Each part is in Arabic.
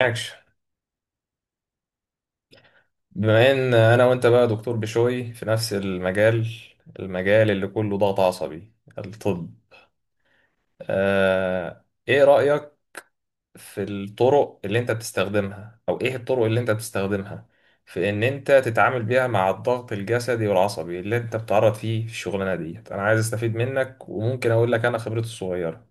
معكش. بما ان انا وانت بقى دكتور بشوي في نفس المجال المجال اللي كله ضغط عصبي، الطب. ايه رأيك في الطرق اللي انت بتستخدمها، او ايه الطرق اللي انت بتستخدمها في ان انت تتعامل بيها مع الضغط الجسدي والعصبي اللي انت بتتعرض فيه في الشغلانة ديت؟ انا عايز استفيد منك، وممكن اقول لك انا خبرتي الصغيرة.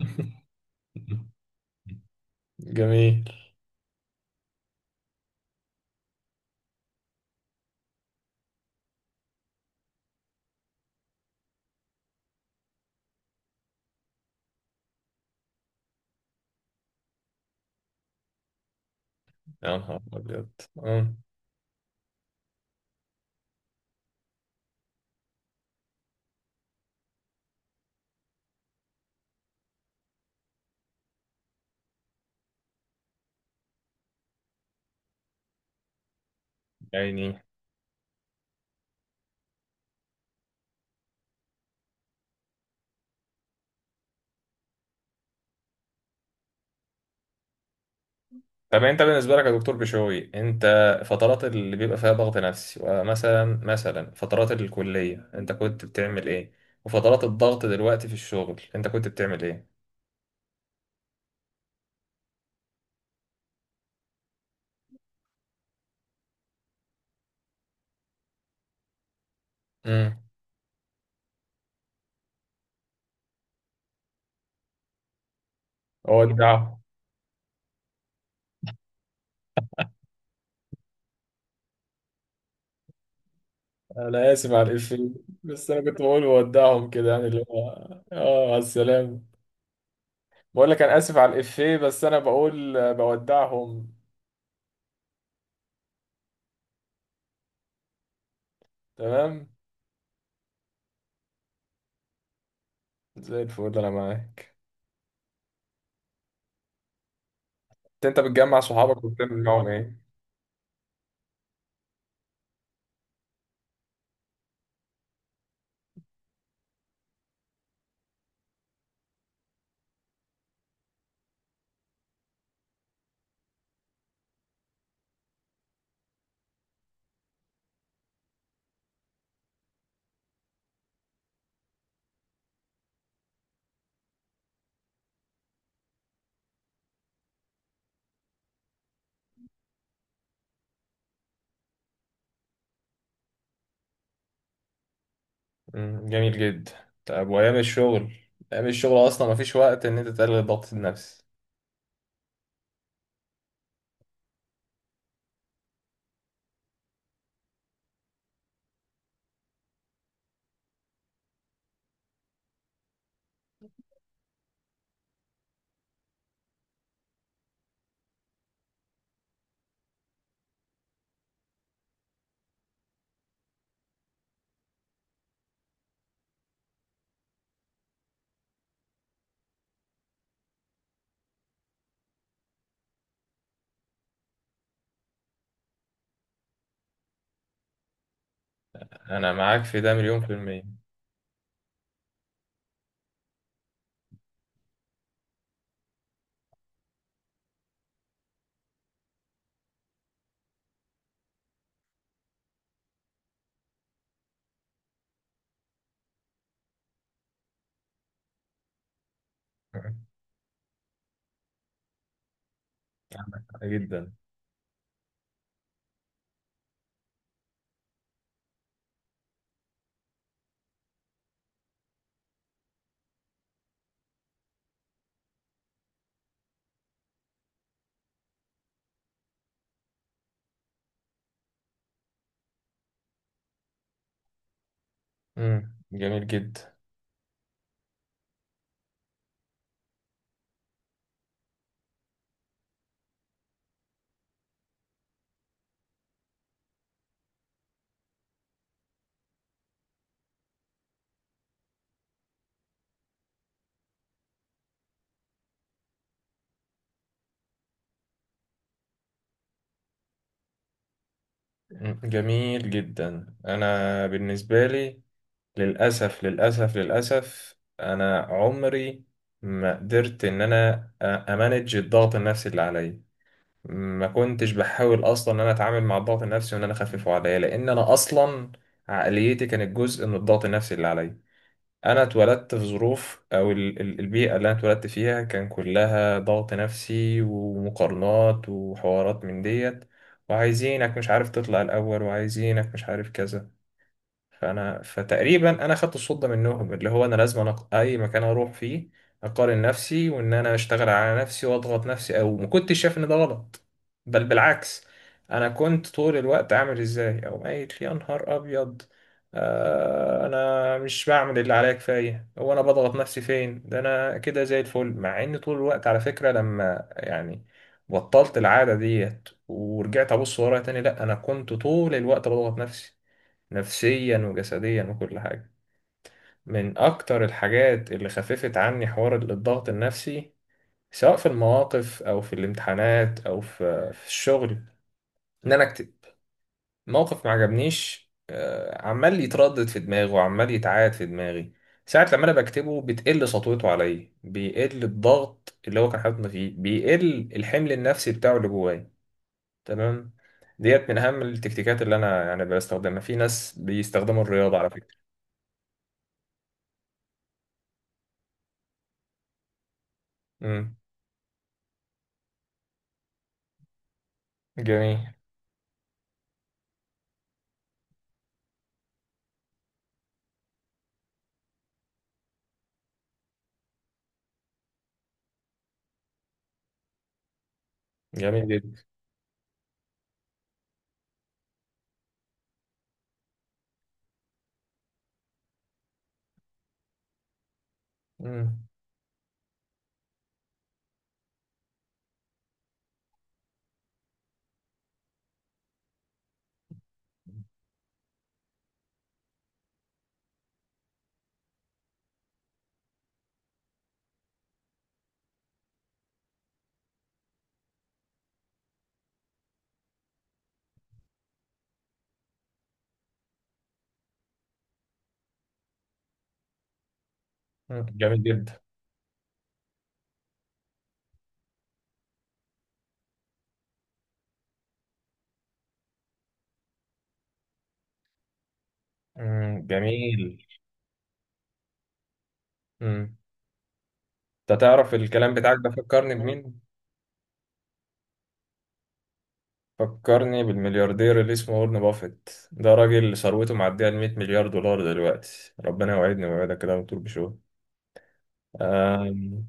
جميل. يا نهار ابيض. آه، عيني. طب انت بالنسبه لك يا دكتور بشوي، انت فترات اللي بيبقى فيها ضغط نفسي، ومثلا فترات الكليه، انت كنت بتعمل ايه؟ وفترات الضغط دلوقتي في الشغل انت كنت بتعمل ايه؟ امم اودعهم. انا اسف على الافيه، بس انا كنت بقول اودعهم كده، يعني اللي هو اه، على السلامه. بقول لك انا اسف على الافيه، بس انا بقول بودعهم. تمام. زي الفل، انا معاك. انت بتجمع صحابك وبتعمل معاهم ايه؟ مم، جميل جدا. طب وايام الشغل؟ ايام الشغل اصلا مفيش وقت ان انت تقلل الضغط النفسي. انا معاك في ده مليون في المية. مم، جدا. مم، جميل جدا. مم، جميل جدا. انا بالنسبة لي، للاسف للاسف للاسف، انا عمري ما قدرت ان انا امانج الضغط النفسي اللي عليا. ما كنتش بحاول اصلا ان انا اتعامل مع الضغط النفسي وان انا اخففه عليا، لان انا اصلا عقليتي كانت جزء من الضغط النفسي اللي عليا. انا اتولدت في ظروف، او البيئه اللي انا اتولدت فيها كان كلها ضغط نفسي ومقارنات وحوارات من ديت. وعايزينك مش عارف تطلع الاول، وعايزينك مش عارف كذا. فانا فتقريبا انا خدت الصوت ده منهم، اللي هو انا لازم، أنا اي مكان اروح فيه اقارن نفسي وان انا اشتغل على نفسي واضغط نفسي، او ما كنتش شايف ان ده غلط، بل بالعكس. انا كنت طول الوقت عامل ازاي، او قايل يا نهار ابيض، آه انا مش بعمل اللي عليا كفايه، هو انا بضغط نفسي فين، ده انا كده زي الفل. مع ان طول الوقت على فكره، لما يعني بطلت العاده ديت ورجعت ابص ورايا تاني، لا انا كنت طول الوقت بضغط نفسي، نفسيا وجسديا وكل حاجة. من أكتر الحاجات اللي خففت عني حوار الضغط النفسي، سواء في المواقف أو في الامتحانات أو في الشغل، إن أنا أكتب. موقف ما عجبنيش، عمال يتردد في دماغي وعمال يتعاد في دماغي، ساعة لما أنا بكتبه بتقل سطوته عليا، بيقل الضغط اللي هو كان حاططني فيه، بيقل الحمل النفسي بتاعه اللي جوايا. تمام. ديت من أهم التكتيكات اللي أنا يعني بستخدمها. في ناس بيستخدموا الرياضة على فكرة. مم. جميل جميل جدا. مم. مم، جميل جدا. مم، جميل. مم. انت تعرف الكلام بتاعك ده فكرني بمين؟ فكرني بالملياردير اللي اسمه وارن بافيت. ده راجل ثروته معدية ال 100 مليار دولار دلوقتي. ربنا يوعدني ويوعدك كده وتقول بشو. آم،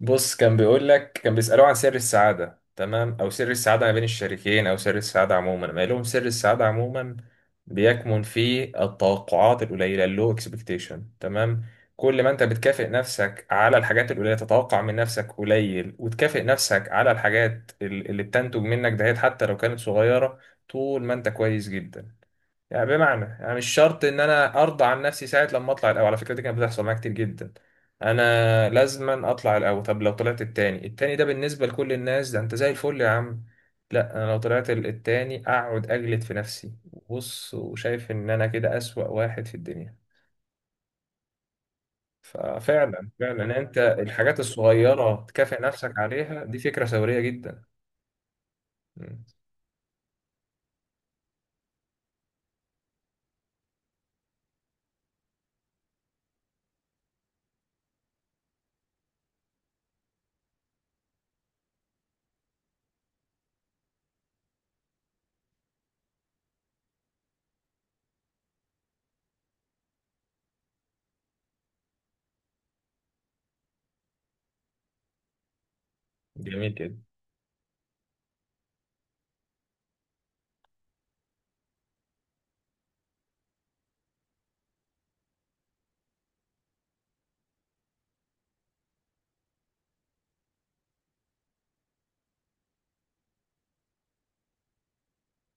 بص، كان بيقول لك، كان بيسألوه عن سر السعادة، تمام، أو سر السعادة ما بين الشريكين، أو سر السعادة عموما. ما لهم سر السعادة عموما بيكمن في التوقعات القليلة، اللو اكسبكتيشن، تمام. كل ما أنت بتكافئ نفسك على الحاجات القليلة، تتوقع من نفسك قليل وتكافئ نفسك على اللي بتنتج منك دهيت، حتى لو كانت صغيرة، طول ما أنت كويس جدا. يعني بمعنى، يعني مش شرط ان انا ارضى عن نفسي ساعه لما اطلع الاول. على فكره، دي كانت بتحصل معايا كتير جدا. انا لازما اطلع الاول. طب لو طلعت التاني، التاني ده بالنسبه لكل الناس ده انت زي الفل يا عم. لا، انا لو طلعت التاني اقعد اجلد في نفسي، بص، وشايف ان انا كده اسوأ واحد في الدنيا. ففعلا فعلا، يعني انت الحاجات الصغيره تكافئ نفسك عليها، دي فكره ثوريه جدا. مم، جميل جدا.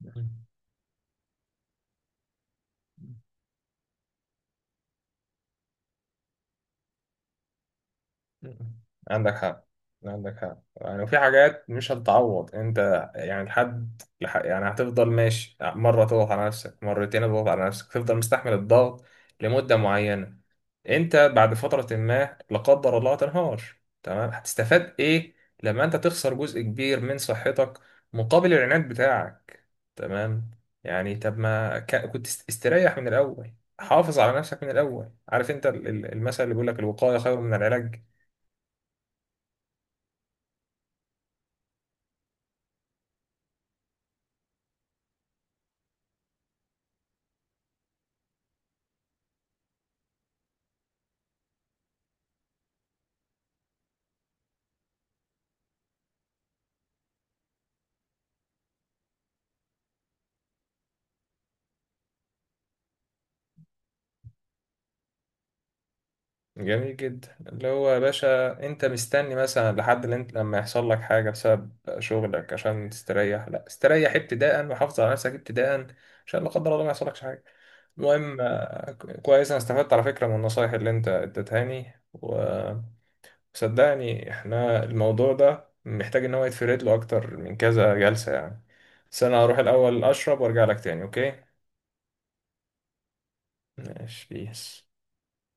مم. عندك حق. عندك حق. يعني وفي حاجات مش هتتعوض، انت يعني يعني هتفضل ماشي، مره تضغط على نفسك، مرتين تضغط على نفسك، تفضل مستحمل الضغط لمده معينه، انت بعد فتره، ما لا قدر الله، هتنهار. تمام. هتستفاد ايه لما انت تخسر جزء كبير من صحتك مقابل العناد بتاعك؟ تمام؟ يعني طب ما ك... كنت استريح من الاول، حافظ على نفسك من الاول. عارف انت المثل اللي بيقول لك، الوقايه خير من العلاج. جميل جدا، اللي هو يا باشا انت مستني مثلا لحد اللي انت لما يحصل لك حاجة بسبب شغلك عشان تستريح؟ لا، استريح ابتداء وحافظ على نفسك ابتداء، عشان لا قدر الله ما يحصلكش حاجة. المهم، كويس. انا استفدت على فكرة من النصايح اللي انت اديتهاني، وصدقني احنا الموضوع ده محتاج ان هو يتفرد له اكتر من كذا جلسة يعني. بس انا هروح الاول اشرب وارجع لك تاني، اوكي؟ ماشي بيس.